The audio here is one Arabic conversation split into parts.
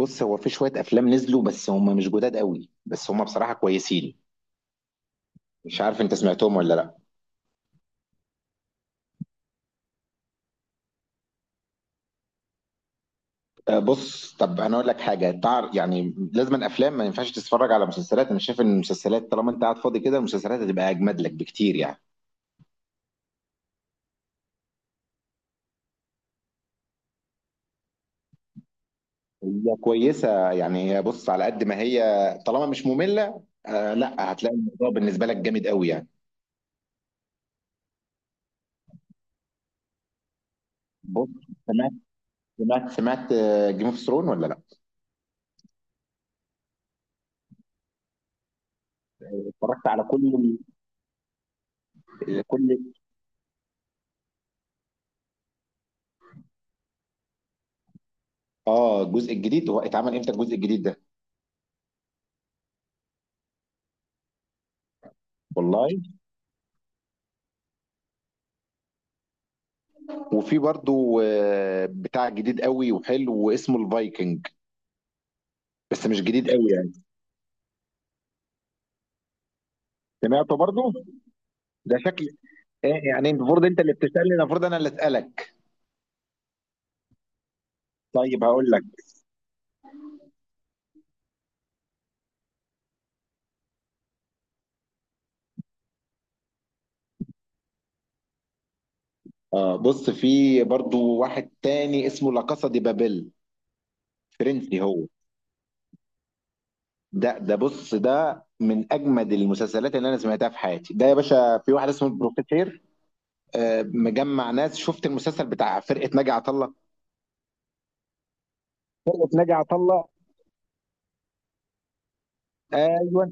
بص هو في شوية أفلام نزلوا، بس هم مش جداد قوي، بس هم بصراحة كويسين. مش عارف أنت سمعتهم ولا لأ. أه، بص. طب أنا أقول لك حاجة. يعني لازم الأفلام ما ينفعش، تتفرج على مسلسلات. أنا شايف إن المسلسلات طالما أنت قاعد فاضي كده، المسلسلات هتبقى أجمد لك بكتير يعني. هي كويسة يعني، هي بص على قد ما هي طالما مش مملة. آه لا، هتلاقي الموضوع بالنسبة لك جامد قوي يعني. بص، سمعت سمعت جيم اوف ثرون ولا لا؟ اتفرجت على كل. اه، الجزء الجديد، هو اتعمل امتى الجزء الجديد ده؟ والله. وفي برضو بتاع جديد قوي وحلو اسمه الفايكنج، بس مش جديد قوي يعني. سمعته برضو. ده شكل، إيه يعني؟ المفروض انت اللي بتسألني، المفروض انا اللي اسألك. طيب هقول لك. اه، بص، في برضو واحد تاني اسمه لا كاسا دي بابيل، فرنسي هو. ده بص، ده من اجمد المسلسلات اللي انا سمعتها في حياتي. ده يا باشا في واحد اسمه البروفيسير، آه، مجمع ناس. شفت المسلسل بتاع فرقة ناجي عطا الله؟ فرقة ناجي عطا الله. ايوه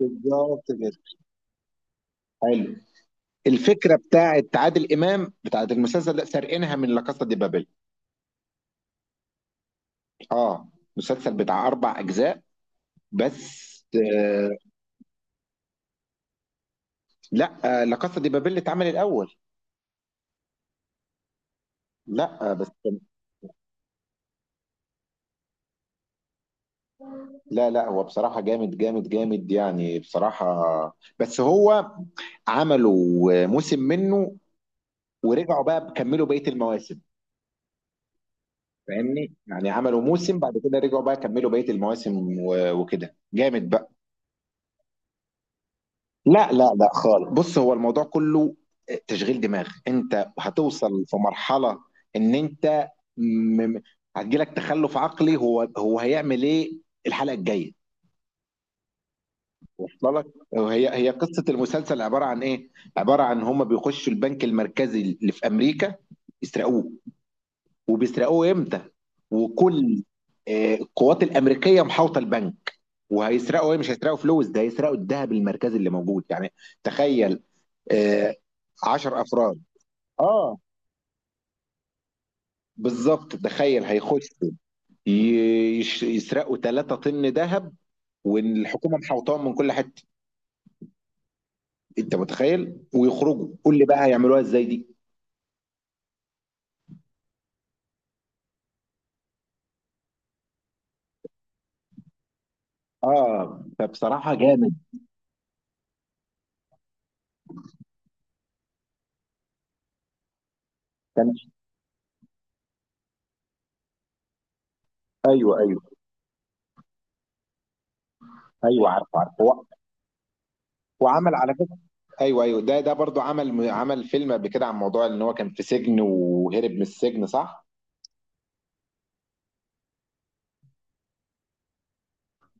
بالظبط كده، حلو. الفكره بتاعت عادل امام بتاعت المسلسل ده سارقينها من لا كاسا دي بابل. اه، مسلسل بتاع اربع اجزاء، بس. لا لا كاسا دي بابل اتعمل الاول. لا آه بس، لا هو بصراحه جامد جامد يعني بصراحه. بس هو عملوا موسم منه، ورجعوا بقى كملوا بقيه المواسم. فاهمني يعني؟ عملوا موسم، بعد كده رجعوا بقى كملوا بقيه المواسم وكده جامد بقى. لا خالص. بص، هو الموضوع كله تشغيل دماغ. انت هتوصل في مرحلة ان انت م... م- هتجيلك تخلف عقلي، هو هيعمل ايه الحلقة الجاية؟ وصل لك؟ هي قصة المسلسل عبارة عن ايه؟ عبارة عن هما بيخشوا البنك المركزي اللي في امريكا يسرقوه. وبيسرقوه امتى؟ وكل القوات الامريكيه محاوطه البنك. وهيسرقوا ايه؟ مش هيسرقوا فلوس، ده هيسرقوا الذهب المركزي اللي موجود يعني. تخيل، آه، 10 افراد. اه بالظبط. تخيل هيخشوا يسرقوا 3 طن ذهب والحكومه محوطاهم من كل حته. انت متخيل؟ ويخرجوا، قول لي بقى هيعملوها ازاي دي. اه، فبصراحه جامد. كان ايوه ايوه ايوه، عارف عارف. هو وعمل على فكره، ايوه ايوه، ده برضو عمل فيلم قبل كده عن موضوع ان هو كان في سجن وهرب من السجن، صح؟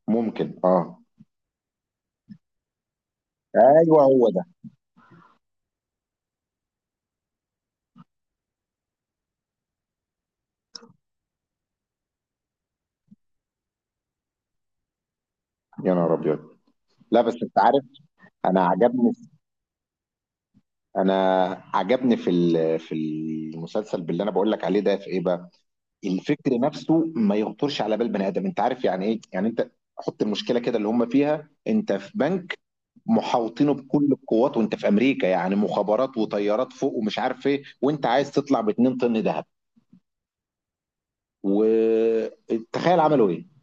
ممكن اه. ايوه هو ده. يا نهار ابيض. لا بس انت عارف، انا عجبني. انا عجبني في المسلسل باللي انا بقول لك عليه ده، في ايه بقى؟ الفكر نفسه ما يخطرش على بال بني ادم. انت عارف يعني ايه؟ يعني انت حط المشكله كده اللي هم فيها. انت في بنك محاوطينه بكل القوات، وانت في امريكا يعني، مخابرات وطيارات فوق ومش عارف ايه، وانت عايز تطلع ب 2 طن ذهب. وتخيل عملوا ايه.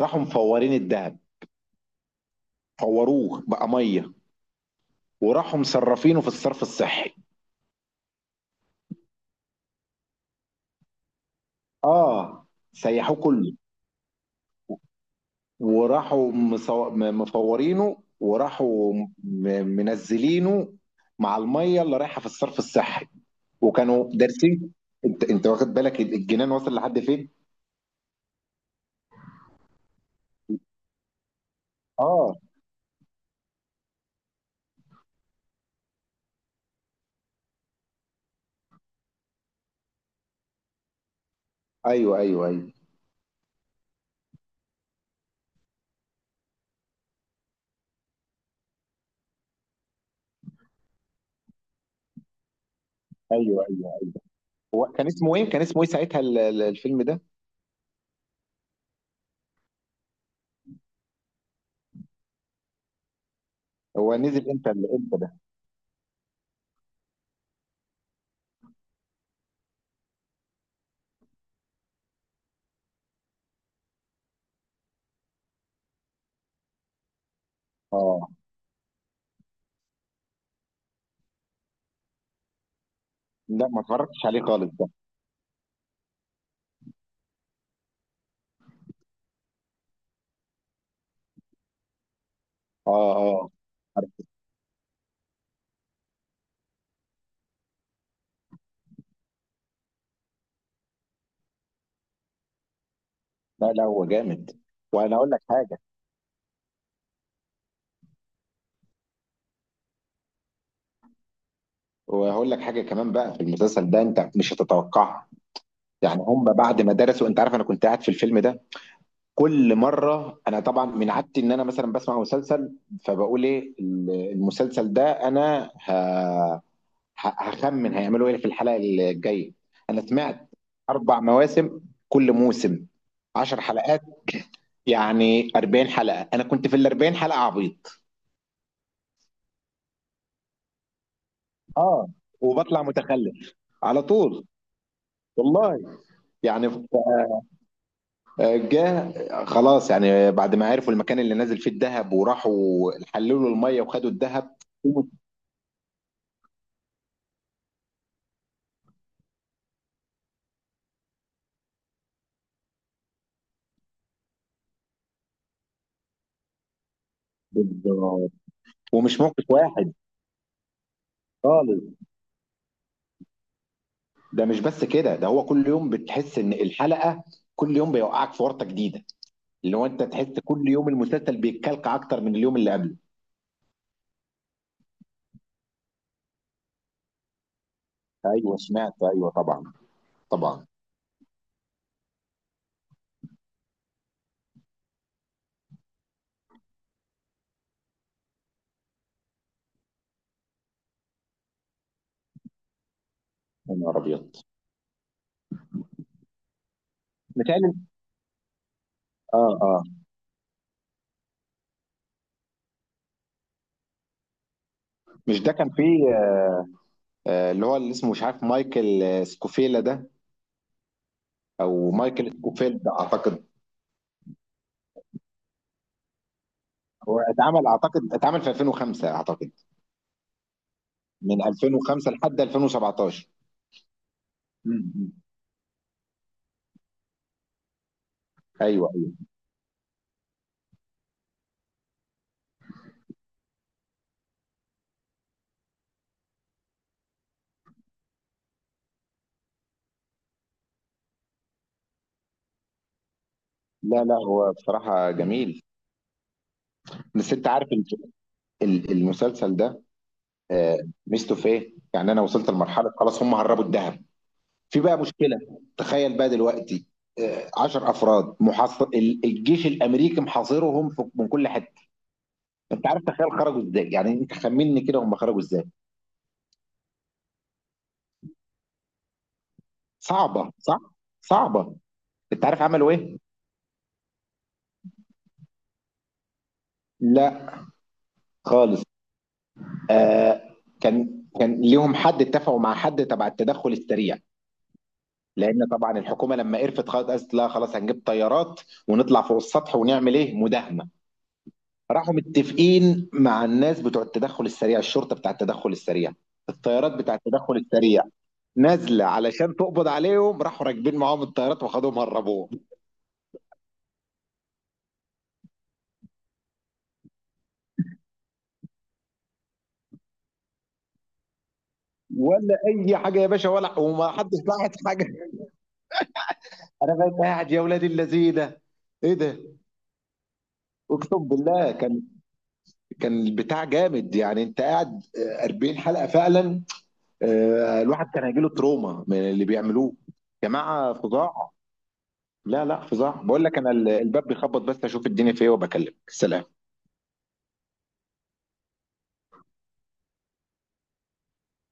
راحوا مفورين الذهب، فوروه بقى ميه، وراحوا مصرفينه في الصرف الصحي. اه، سيحوه كله. وراحوا مفورينه، وراحوا منزلينه مع الميه اللي رايحه في الصرف الصحي. وكانوا دارسين. انت واخد بالك الجنان وصل لحد فين؟ اه ايوه ايوه ايوه. ايوه ايوه، هو كان اسمه ايه؟ كان اسمه ايه ساعتها الفيلم ده؟ هو نزل امتى امتى ده؟ اه لا، ما اتفرجتش عليه خالص ده. اه اه، عارف. لا لا، هو جامد. وانا اقول لك حاجه، وهقول لك حاجه كمان بقى. في المسلسل ده انت مش هتتوقعها، يعني هم بعد ما درسوا. انت عارف، انا كنت قاعد في الفيلم ده كل مره. انا طبعا من عادتي ان انا مثلا بسمع مسلسل، فبقول ايه المسلسل ده؟ انا هخمن هيعملوا ايه في الحلقه الجايه. انا سمعت اربع مواسم، كل موسم عشر حلقات، يعني 40 حلقه. انا كنت في ال 40 حلقه عبيط اه، وبطلع متخلف على طول والله يعني. جه خلاص يعني، بعد ما عرفوا المكان اللي نازل فيه الذهب، وراحوا حللوا الميه وخدوا الذهب. بالظبط. ومش موقف واحد خالص، ده مش بس كده، ده هو كل يوم بتحس ان الحلقه، كل يوم بيوقعك في ورطه جديده. اللي هو انت تحس كل يوم المسلسل بيتكلك اكتر من اليوم اللي قبله. ايوه سمعت ايوه طبعا طبعا. يا نهار ابيض. متهيألي اه اه، مش ده كان فيه اللي هو اللي اسمه، مش عارف، مايكل، سكوفيلا ده، او مايكل سكوفيلد اعتقد. هو اتعمل، اعتقد اتعمل في 2005 اعتقد، من 2005 لحد 2017. امم ايوه ايوه. لا لا، هو بصراحه جميل. بس انت عارف المسلسل ده، آه، ميزته في ايه؟ يعني انا وصلت لمرحله خلاص هم هربوا الذهب. في بقى مشكله، تخيل بقى دلوقتي 10 افراد محاصر الجيش الامريكي محاصرهم من كل حته. انت عارف تخيل خرجوا ازاي؟ يعني انت خمني كده، هم خرجوا ازاي؟ صعبه صح؟ صعبه. انت عارف عملوا ايه؟ لا خالص. آه، كان ليهم حد، اتفقوا مع حد تبع التدخل السريع. لان طبعا الحكومه لما قرفت خلاص قالت لا خلاص، هنجيب طيارات ونطلع فوق السطح ونعمل ايه، مداهمه. راحوا متفقين مع الناس بتوع التدخل السريع، الشرطه بتاع التدخل السريع، الطيارات بتاع التدخل السريع نازله علشان تقبض عليهم. راحوا راكبين معاهم الطيارات وخدوهم هربوهم. ولا اي حاجه يا باشا، ولا وما حدش لاحظ حاجه. انا بقيت قاعد يا ولاد اللذيذه ايه ده! اقسم بالله كان، كان البتاع جامد يعني. انت قاعد 40 حلقه فعلا، الواحد كان هيجيله تروما من اللي بيعملوه. جماعه فظاع. لا لا فظاع، بقول لك انا. الباب بيخبط، بس اشوف الدنيا فيه وبكلمك. سلام.